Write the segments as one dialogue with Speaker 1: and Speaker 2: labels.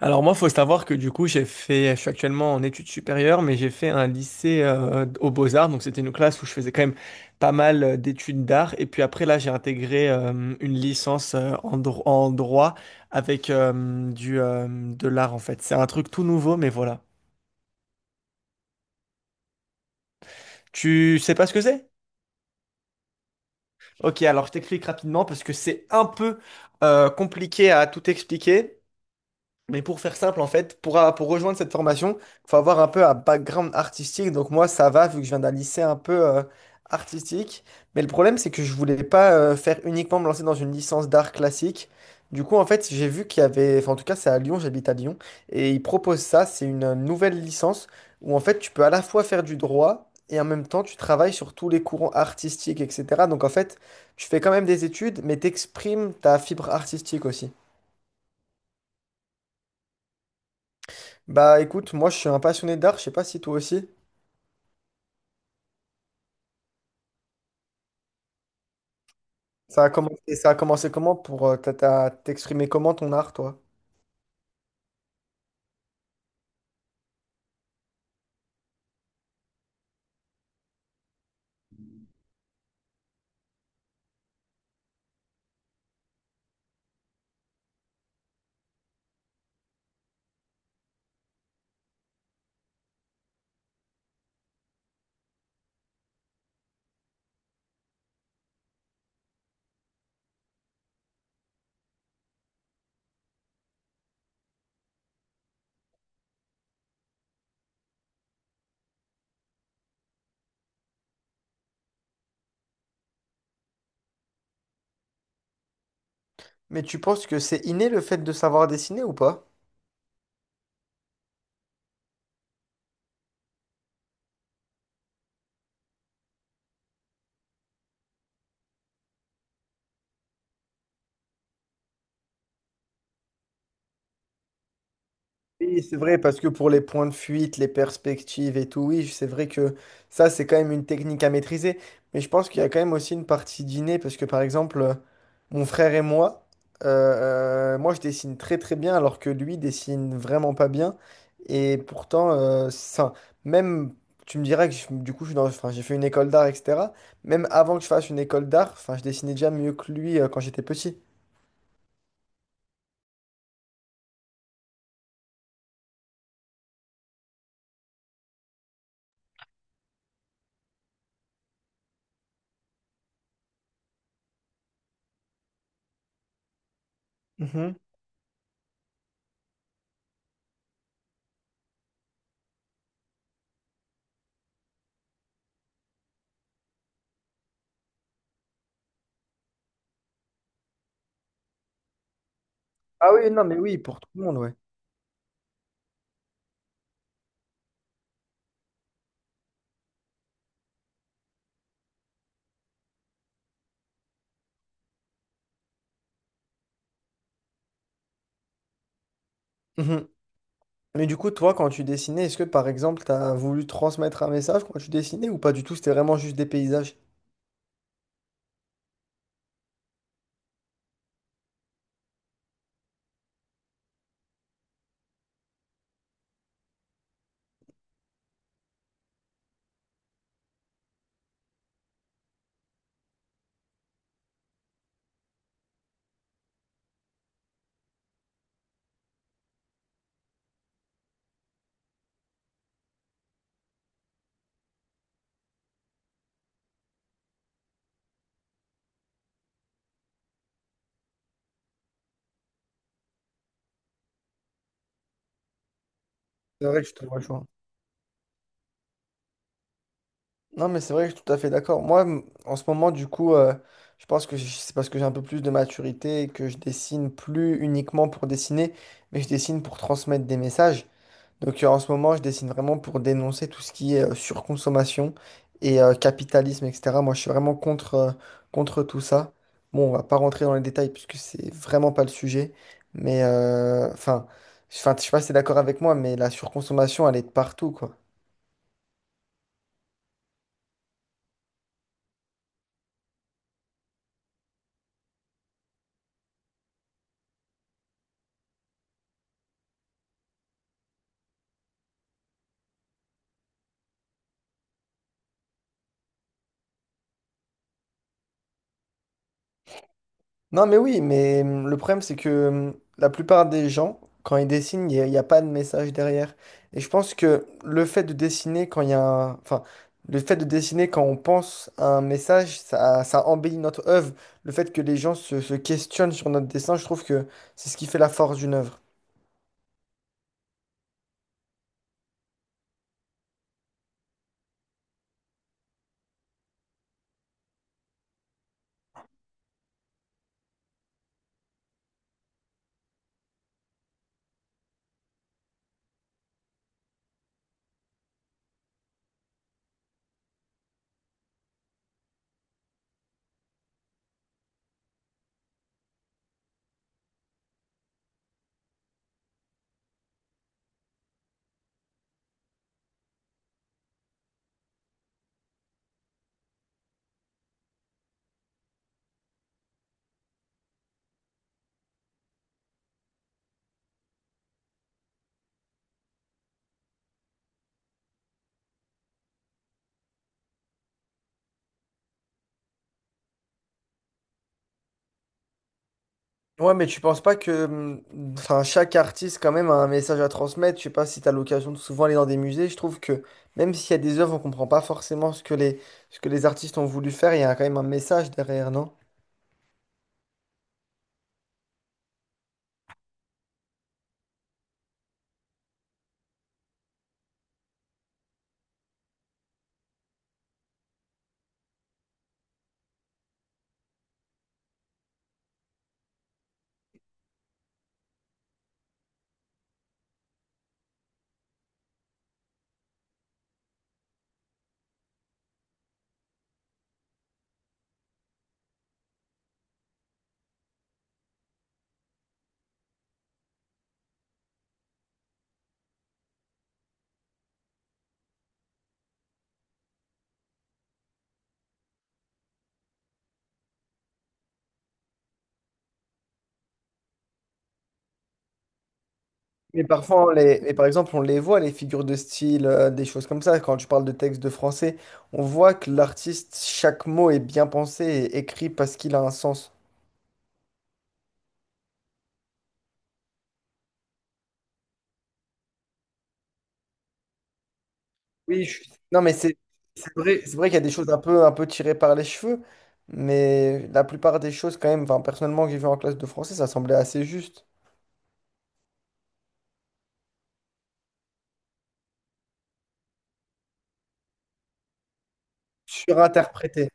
Speaker 1: Alors moi, faut savoir que du coup, je suis actuellement en études supérieures, mais j'ai fait un lycée aux Beaux-Arts, donc c'était une classe où je faisais quand même pas mal d'études d'art. Et puis après, là, j'ai intégré une licence en, en droit avec du de l'art en fait. C'est un truc tout nouveau, mais voilà. Tu sais pas ce que c'est? Ok, alors je t'explique rapidement parce que c'est un peu compliqué à tout expliquer. Mais pour faire simple, en fait, pour rejoindre cette formation, il faut avoir un peu un background artistique. Donc moi, ça va, vu que je viens d'un lycée un peu artistique. Mais le problème, c'est que je voulais pas faire uniquement me lancer dans une licence d'art classique. Du coup, en fait, j'ai vu qu'il y avait, enfin, en tout cas, c'est à Lyon, j'habite à Lyon, et ils proposent ça, c'est une nouvelle licence où, en fait, tu peux à la fois faire du droit et en même temps, tu travailles sur tous les courants artistiques, etc. Donc, en fait, tu fais quand même des études, mais t'exprimes ta fibre artistique aussi. Bah écoute, moi je suis un passionné d'art, je sais pas si toi aussi. Ça a commencé comment pour t'exprimer comment ton art, toi? Mais tu penses que c'est inné le fait de savoir dessiner ou pas? Oui, c'est vrai, parce que pour les points de fuite, les perspectives et tout, oui, c'est vrai que ça, c'est quand même une technique à maîtriser. Mais je pense qu'il y a quand même aussi une partie dîner, parce que par exemple, mon frère et moi, moi, je dessine très très bien, alors que lui dessine vraiment pas bien. Et pourtant, ça, même, tu me diras que du coup, enfin, j'ai fait une école d'art, etc. Même avant que je fasse une école d'art, enfin, je dessinais déjà mieux que lui, quand j'étais petit. Mhm. Ah oui, non, mais oui, pour tout le monde, ouais. Mhm. Mais du coup, toi, quand tu dessinais, est-ce que par exemple, tu as voulu transmettre un message quand tu dessinais ou pas du tout? C'était vraiment juste des paysages. C'est vrai que je te vois, je Non, mais c'est vrai que je suis tout à fait d'accord. Moi, en ce moment, du coup, je pense que c'est parce que j'ai un peu plus de maturité et que je dessine plus uniquement pour dessiner, mais je dessine pour transmettre des messages. Donc en ce moment, je dessine vraiment pour dénoncer tout ce qui est surconsommation et capitalisme, etc. Moi, je suis vraiment contre tout ça. Bon, on va pas rentrer dans les détails puisque c'est vraiment pas le sujet. Mais enfin, je sais pas si t'es d'accord avec moi, mais la surconsommation, elle est de partout, quoi. Non, mais oui, mais le problème, c'est que la plupart des gens, quand ils dessinent, il n'y a pas de message derrière. Et je pense que le fait de dessiner quand il y a un... Enfin, le fait de dessiner quand on pense à un message, ça embellit notre œuvre. Le fait que les gens se questionnent sur notre dessin, je trouve que c'est ce qui fait la force d'une œuvre. Ouais, mais tu penses pas que enfin, chaque artiste, quand même, a un message à transmettre. Je sais pas si tu as l'occasion de souvent aller dans des musées. Je trouve que même s'il y a des œuvres, on comprend pas forcément ce que les artistes ont voulu faire. Il y a quand même un message derrière, non? Mais parfois, mais par exemple, on les voit, les figures de style, des choses comme ça. Quand tu parles de textes de français, on voit que l'artiste, chaque mot est bien pensé et écrit parce qu'il a un sens. Non, mais c'est vrai, c'est vrai qu'il y a des choses un peu tirées par les cheveux, mais la plupart des choses, quand même, enfin, personnellement, que j'ai vu en classe de français, ça semblait assez juste. Surinterprété.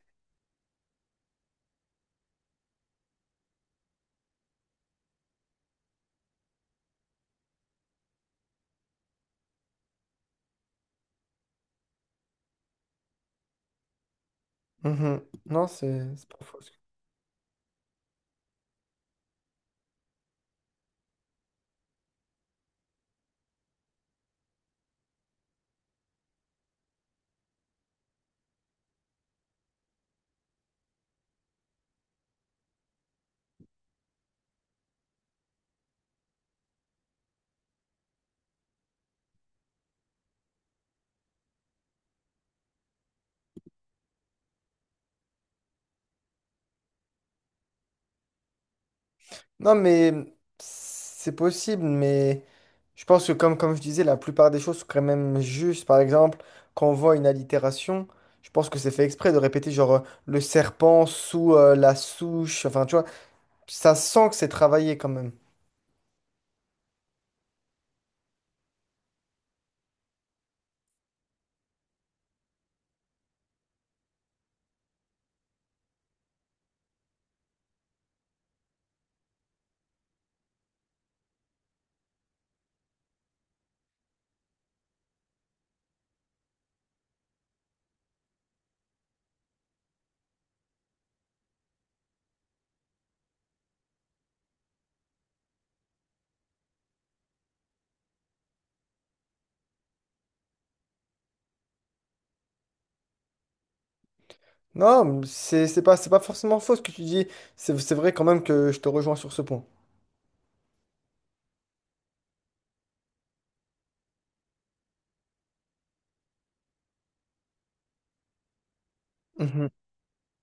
Speaker 1: Mhm. Non, c'est pas faux. Non, mais c'est possible, mais je pense que, comme je disais, la plupart des choses sont quand même justes. Par exemple, quand on voit une allitération, je pense que c'est fait exprès de répéter, le serpent sous la souche, enfin, tu vois, ça sent que c'est travaillé quand même. Non, c'est pas forcément faux ce que tu dis. C'est vrai quand même que je te rejoins sur ce point. Mhm.